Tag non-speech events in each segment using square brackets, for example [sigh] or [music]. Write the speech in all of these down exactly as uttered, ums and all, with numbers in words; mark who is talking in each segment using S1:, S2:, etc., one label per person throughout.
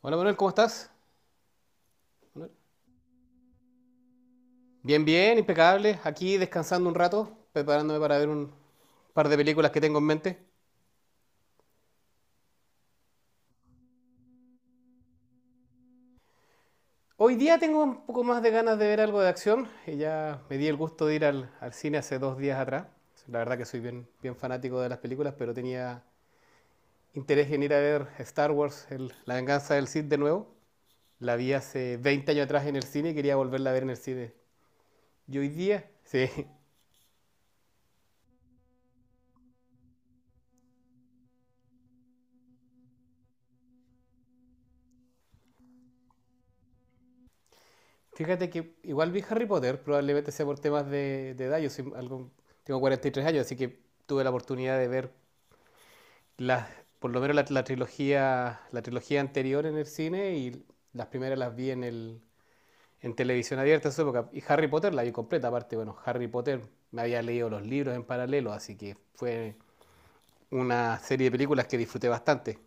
S1: Hola Manuel, ¿cómo estás? Bien, bien, impecable. Aquí descansando un rato, preparándome para ver un par de películas que tengo en mente. Hoy día tengo un poco más de ganas de ver algo de acción. Y Ya me di el gusto de ir al, al cine hace dos días atrás. La verdad que soy bien, bien fanático de las películas, pero tenía interés en ir a ver Star Wars, el- La venganza del Sith de nuevo. La vi hace veinte años atrás en el cine y quería volverla a ver en el cine. Y hoy día, [laughs] sí. Fíjate que igual vi Harry Potter, probablemente sea por temas de, de edad. Yo soy algo, tengo cuarenta y tres años, así que tuve la oportunidad de ver las, por lo menos la, la trilogía, la trilogía anterior en el cine y las primeras las vi en el, en televisión abierta en su época. Y Harry Potter la vi completa, aparte, bueno, Harry Potter me había leído los libros en paralelo, así que fue una serie de películas que disfruté bastante.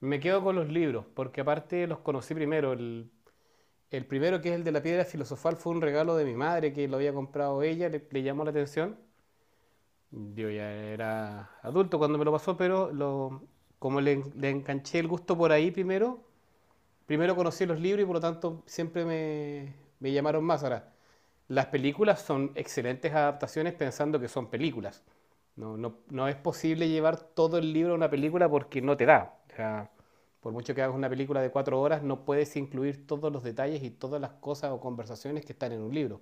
S1: Me quedo con los libros, porque aparte los conocí primero. El, El primero, que es el de la piedra filosofal, fue un regalo de mi madre que lo había comprado ella, le, le llamó la atención. Yo ya era adulto cuando me lo pasó, pero lo, como le, en- le enganché el gusto por ahí primero, primero conocí los libros y por lo tanto siempre me, me llamaron más. Ahora, las películas son excelentes adaptaciones pensando que son películas. No, no, no es posible llevar todo el libro a una película porque no te da. O sea, por mucho que hagas una película de cuatro horas, no puedes incluir todos los detalles y todas las cosas o conversaciones que están en un libro.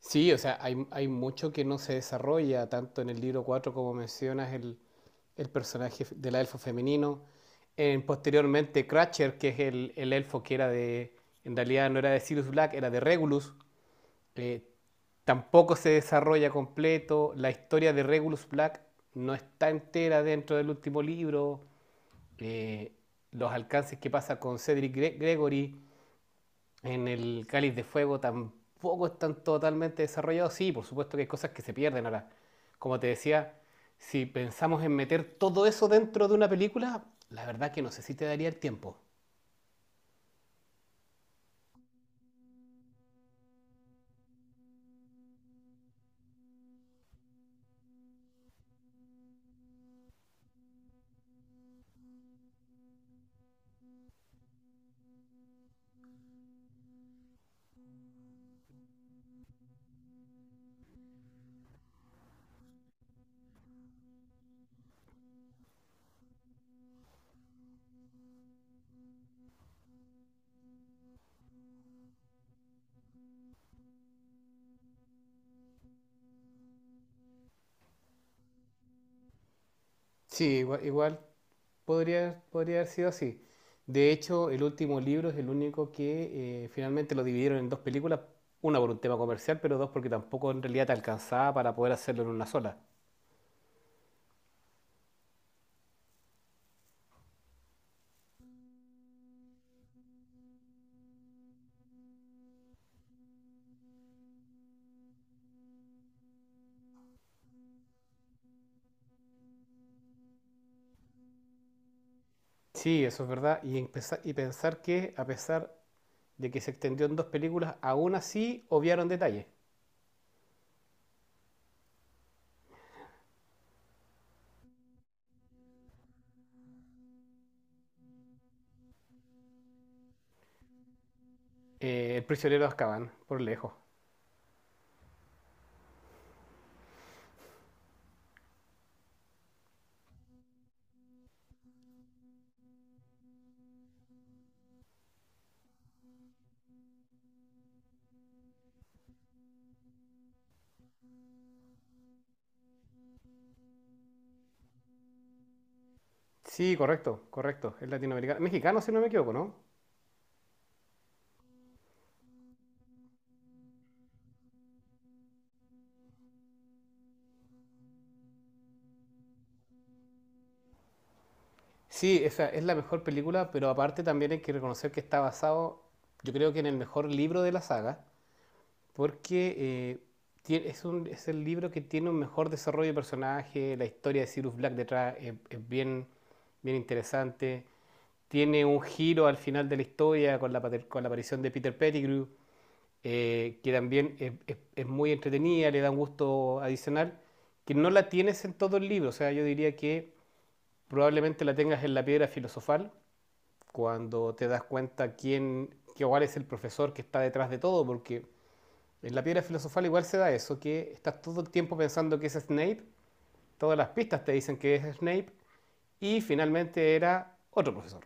S1: Sí, o sea, hay, hay mucho que no se desarrolla tanto en el libro cuatro como mencionas el, el personaje del elfo femenino. En, posteriormente, Cratcher, que es el, el elfo que era de, en realidad no era de Sirius Black, era de Regulus, eh, tampoco se desarrolla completo, la historia de Regulus Black no está entera dentro del último libro. eh, los alcances que pasa con Cedric Gre- Gregory en el Cáliz de Fuego tampoco están totalmente desarrollados, sí, por supuesto que hay cosas que se pierden ahora, como te decía, si pensamos en meter todo eso dentro de una película, la verdad que no sé si te daría el tiempo. Sí, igual, igual podría, podría haber sido así. De hecho, el último libro es el único que eh, finalmente lo dividieron en dos películas, una por un tema comercial, pero dos porque tampoco en realidad te alcanzaba para poder hacerlo en una sola. Sí, eso es verdad. Y, empeza- y pensar que a pesar de que se extendió en dos películas, aún así obviaron detalles. Eh, El prisionero de Azkaban, por lejos. Sí, correcto, correcto. Es latinoamericano. Mexicano, si no me equivoco, ¿no? Sí, esa es la mejor película, pero aparte también hay que reconocer que está basado, yo creo que en el mejor libro de la saga, porque eh, tie- es, un- es el libro que tiene un mejor desarrollo de personaje, la historia de Cyrus Black detrás es, es bien, bien interesante, tiene un giro al final de la historia con la, pater- con la aparición de Peter Pettigrew, eh, que también es, es- es muy entretenida, le da un gusto adicional, que no la tienes en todo el libro, o sea, yo diría que probablemente la tengas en la piedra filosofal cuando te das cuenta quién, que igual es el profesor que está detrás de todo, porque en la piedra filosofal igual se da eso, que estás todo el tiempo pensando que es Snape, todas las pistas te dicen que es Snape, y finalmente era otro profesor.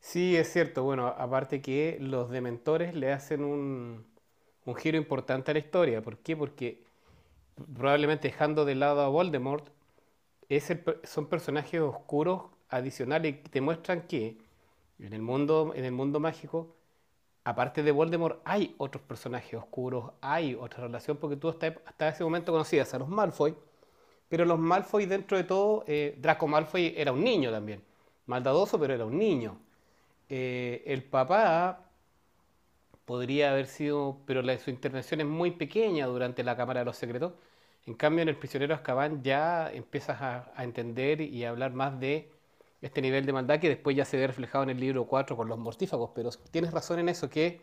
S1: Sí, es cierto, bueno, aparte que los dementores le hacen un, un giro importante a la historia, ¿por qué? Porque probablemente dejando de lado a Voldemort, es el, son personajes oscuros adicionales que te muestran que en el mundo, en el mundo mágico aparte de Voldemort, hay otros personajes oscuros, hay otra relación, porque tú hasta, hasta ese momento conocías a los Malfoy, pero los Malfoy, dentro de todo, eh, Draco Malfoy era un niño también, maldadoso, pero era un niño. Eh, el papá podría haber sido, pero la, su intervención es muy pequeña durante la Cámara de los Secretos. En cambio, en El prisionero de Azkaban ya empiezas a, a entender y a hablar más de este nivel de maldad que después ya se ve reflejado en el libro cuatro con los mortífagos, pero tienes razón en eso que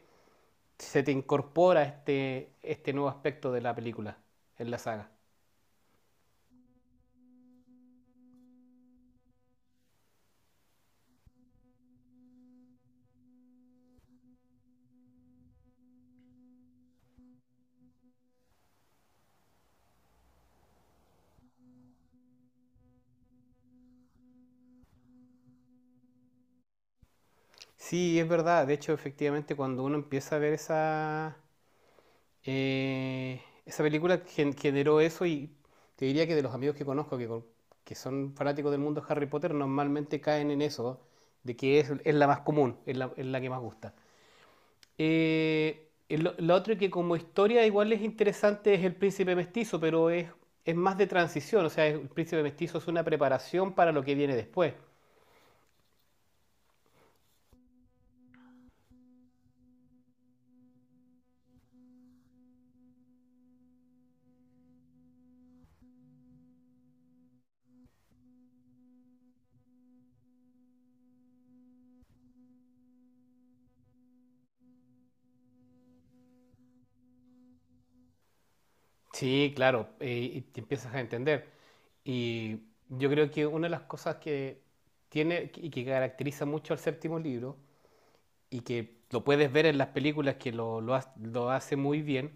S1: se te incorpora este, este nuevo aspecto de la película en la saga. Sí, es verdad. De hecho, efectivamente, cuando uno empieza a ver esa, eh, esa película, gen- generó eso y te diría que de los amigos que conozco que, con- que son fanáticos del mundo Harry Potter, normalmente caen en eso, de que es, es la más común, es la, es la que más gusta. Eh, el- lo otro que como historia igual es interesante es el príncipe mestizo, pero es, es más de transición, o sea, el príncipe mestizo es una preparación para lo que viene después. Sí, claro, eh, y te empiezas a entender. Y yo creo que una de las cosas que tiene y que caracteriza mucho al séptimo libro, y que lo puedes ver en las películas que lo, lo ha- lo hace muy bien,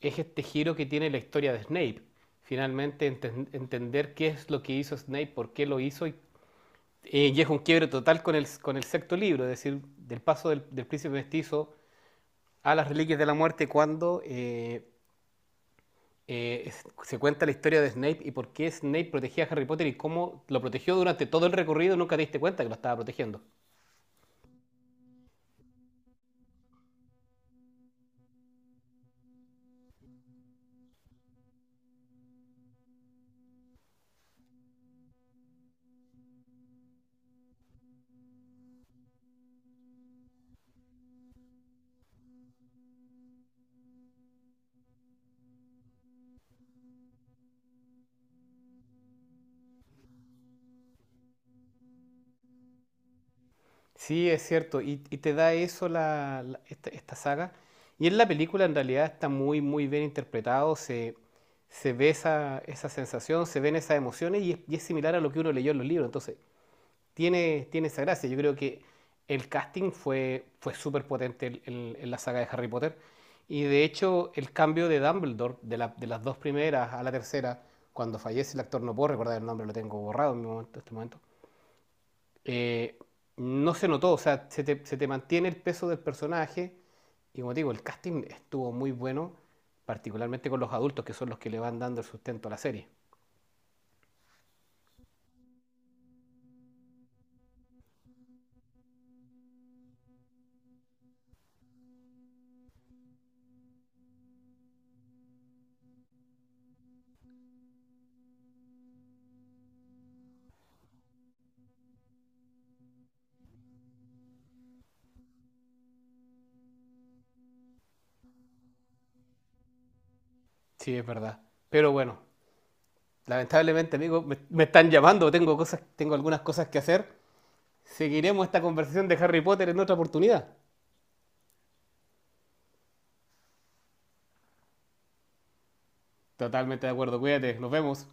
S1: es este giro que tiene la historia de Snape. Finalmente enten- entender qué es lo que hizo Snape, por qué lo hizo y Eh, y es un quiebre total con el, con el sexto libro, es decir, del paso del, del príncipe mestizo a las reliquias de la muerte cuando eh, eh, es- se cuenta la historia de Snape y por qué Snape protegía a Harry Potter y cómo lo protegió durante todo el recorrido, nunca te diste cuenta que lo estaba protegiendo. Sí, es cierto, y, y te da eso la, la- esta, esta saga. Y en la película en realidad está muy, muy bien interpretado, se, se ve esa, esa sensación, se ven esas emociones y es, y es similar a lo que uno leyó en los libros. Entonces, tiene, tiene esa gracia. Yo creo que el casting fue, fue súper potente en, en- la saga de Harry Potter. Y de hecho, el cambio de Dumbledore, de, la- de las dos primeras a la tercera, cuando fallece el actor, no puedo recordar el nombre, lo tengo borrado en mi momento- este momento, eh, no se notó, o sea, se te, se te mantiene el peso del personaje. Y como te digo, el casting estuvo muy bueno, particularmente con los adultos, que son los que le van dando el sustento a la serie. Sí, es verdad. Pero bueno, lamentablemente, amigos, me, me están llamando, tengo cosas, tengo algunas cosas que hacer. Seguiremos esta conversación de Harry Potter en otra oportunidad. Totalmente de acuerdo, cuídate, nos vemos.